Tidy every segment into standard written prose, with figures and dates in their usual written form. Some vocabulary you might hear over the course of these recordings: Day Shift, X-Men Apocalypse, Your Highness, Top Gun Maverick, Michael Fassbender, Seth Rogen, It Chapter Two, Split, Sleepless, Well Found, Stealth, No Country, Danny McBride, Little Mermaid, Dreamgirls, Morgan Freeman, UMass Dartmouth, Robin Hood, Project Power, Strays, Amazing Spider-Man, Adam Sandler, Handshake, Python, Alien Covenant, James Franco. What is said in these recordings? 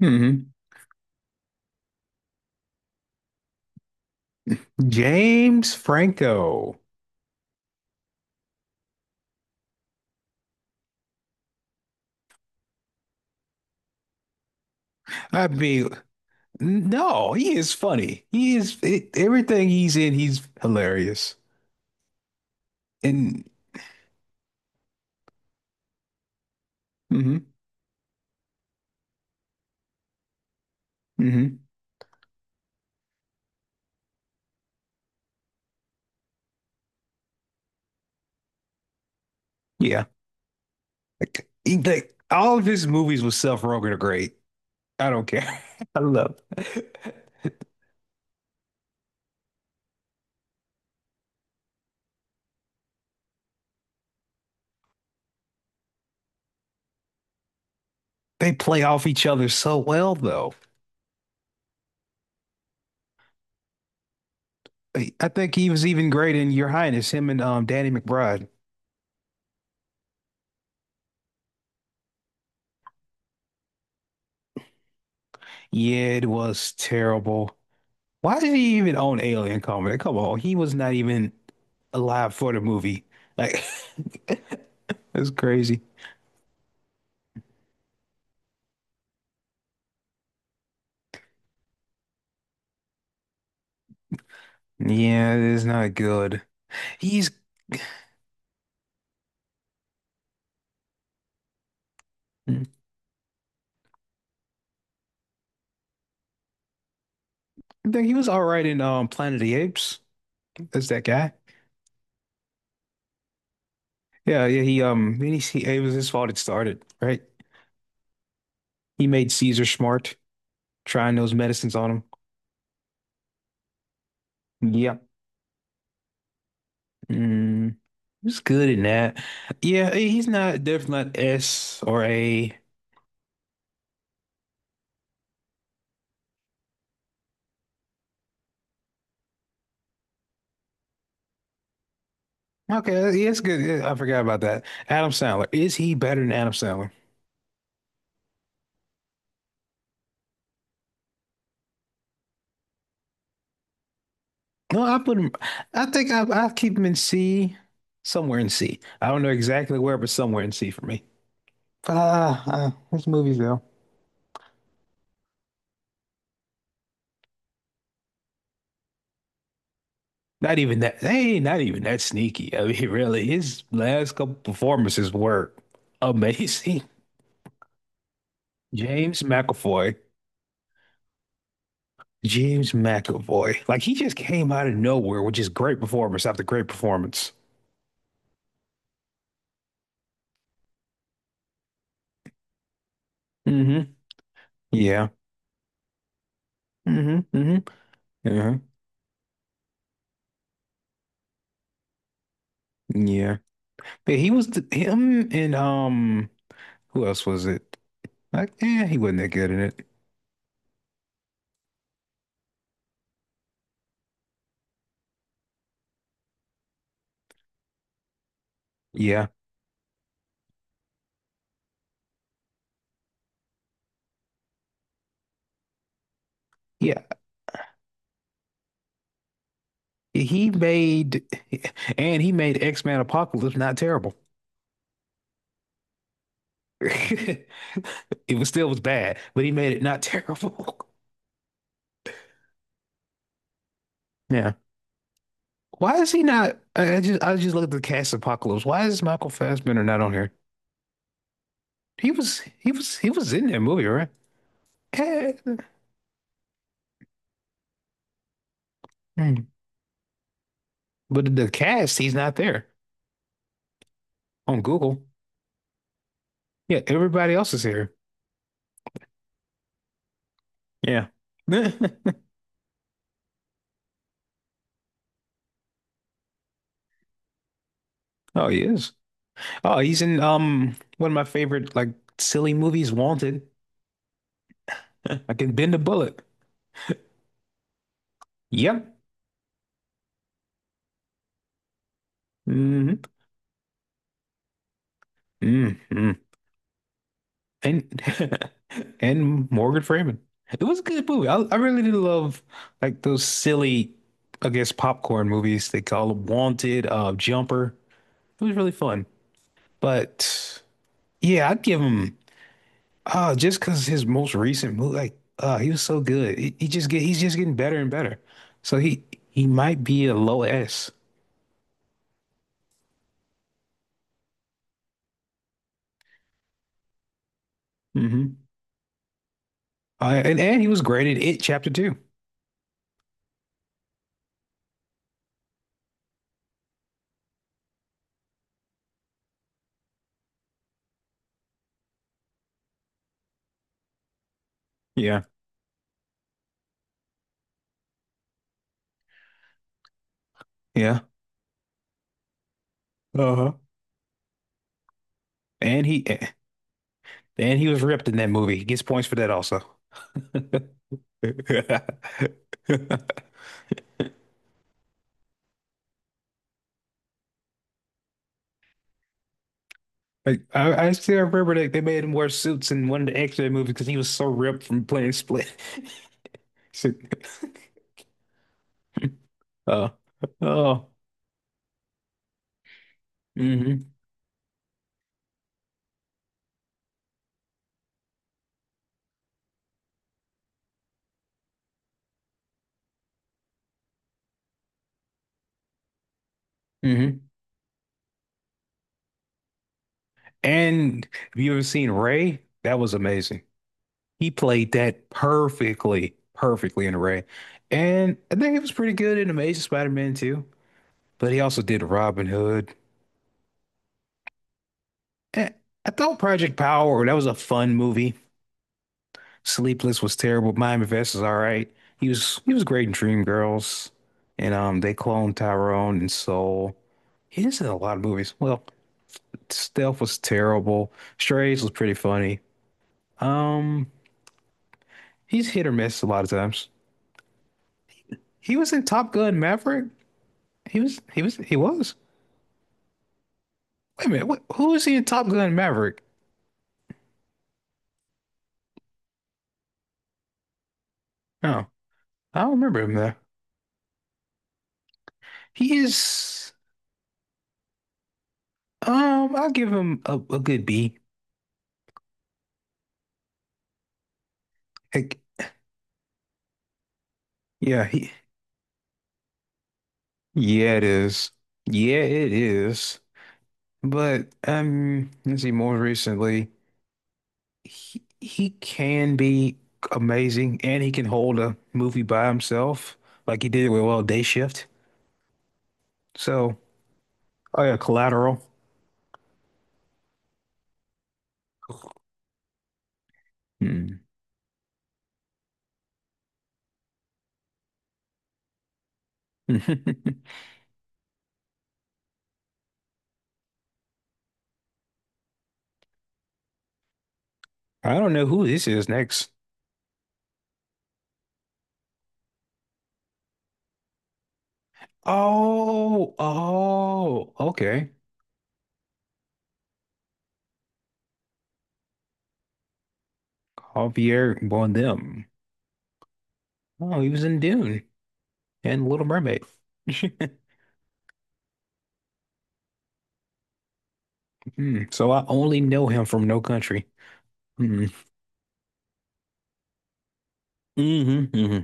Hmm. James Franco. I mean, no, he is funny. He is it, everything he's in, he's hilarious. And hmm hmm yeah, like all of his movies with Seth Rogen are great. I don't care. I love. They play off each other so well, though. I think he was even great in Your Highness, him and Danny McBride. Yeah, it was terrible. Why did he even own Alien Covenant? Come on, he was not even alive for the movie. Like, that's crazy. Yeah, it is not good. He's, I think he was all right in Planet of the Apes. That's that guy. Yeah, yeah. He then he it was his fault it started, right? He made Caesar smart, trying those medicines on him. Yeah. Mm, he was good in that. Yeah, he's not definitely not S or A. Okay, he is good. Yeah, I forgot about that. Adam Sandler. Is he better than Adam Sandler? No, I put him. I think I keep him in C, somewhere in C. I don't know exactly where, but somewhere in C for me. Ah, his movies though. Not even that. Hey, not even that sneaky. I mean, really, his last couple performances were amazing. James McAvoy. James McAvoy. Like he just came out of nowhere, which is great performance after great performance. Mm-hmm. Yeah. Mm-hmm. Mm-hmm. Yeah. Yeah. Yeah, him and who else was it? Like, he wasn't that good in it. Yeah. Yeah. He made and he made X-Men Apocalypse not terrible. It was still was bad, but he made it not terrible. Yeah. Why is he not I I just looked at the cast of Apocalypse. Why is Michael Fassbender not on here? He was in that movie, right? Eh, hmm. But the cast, he's not there on Google. Yeah, everybody else is here. Yeah. Oh, he is. Oh, he's in one of my favorite like silly movies, Wanted. I can bend a bullet. Yep. hmm hmm And and Morgan Freeman. It was a good movie. I really did love like those silly, I guess, popcorn movies. They call them Wanted, Jumper. It was really fun. But yeah, I'd give him. Just because his most recent move, like, he was so good. He's just getting better and better. So he might be a low S. Mm-hmm. And he was graded It Chapter Two. Yeah, yeah. Uh-huh. And he eh, and he was ripped in that movie. He gets points for that also. Like I still remember that they made him wear suits in one of the X-Men movies because he was so ripped from playing Split. So- Oh, oh, mhm. Hmm. And have you ever seen Ray? That was amazing. He played that perfectly, perfectly in Ray. And I think he was pretty good in Amazing Spider-Man too. But he also did Robin Hood. Eh, I thought Project Power, that was a fun movie. Sleepless was terrible. Mind Invest is all right. He was great in Dreamgirls. And they cloned Tyrone and Soul. He is in a lot of movies. Well, Stealth was terrible. Strays was pretty funny. Um He's hit or miss a lot of times. He was in Top Gun Maverick. He was. Wait a minute, who was he in Top Gun Maverick? No, I don't remember him there. He is I'll give him a good B. Heck, yeah, he yeah it is. Yeah, it is. But let's see more recently. He can be amazing and he can hold a movie by himself like he did with well Day Shift. So, oh yeah, Collateral. Hmm. I don't know who this is next. Oh, oh, okay. Javier Bardem. Oh, he was in Dune and Little Mermaid. Hmm, so I only know him from No Country. Hmm. Hmm. Hmm.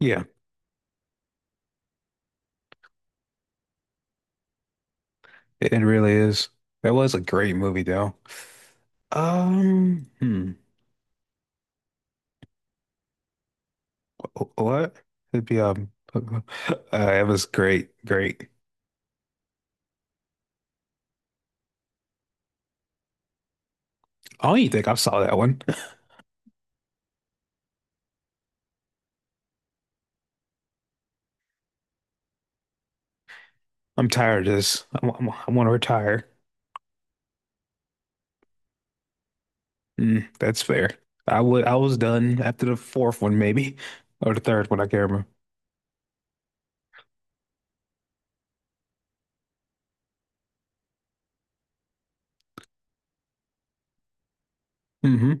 Yeah, it really is. That was a great movie, though. Um, hmm, what? It'd be it was great, great. I don't even think I saw that one. I'm tired of this. I want to retire. That's fair. I was done after the fourth one maybe or the third one I can't remember. Mm-hmm.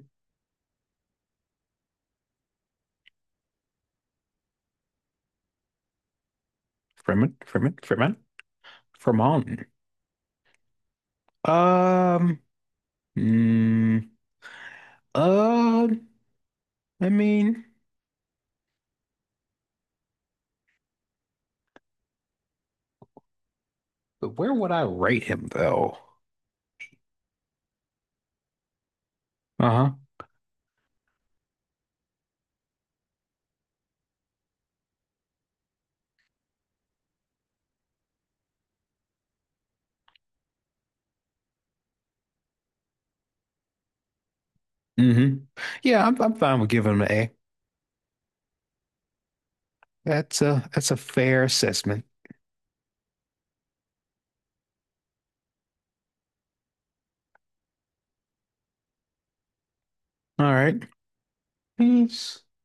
Fremen, Fremen, Fremen, Fremont. Um. Mm, uh. I mean, but where would I rate him though? Uh-huh. Mm-hmm. Yeah, I'm fine with giving him an A. That's a fair assessment. All right. Peace.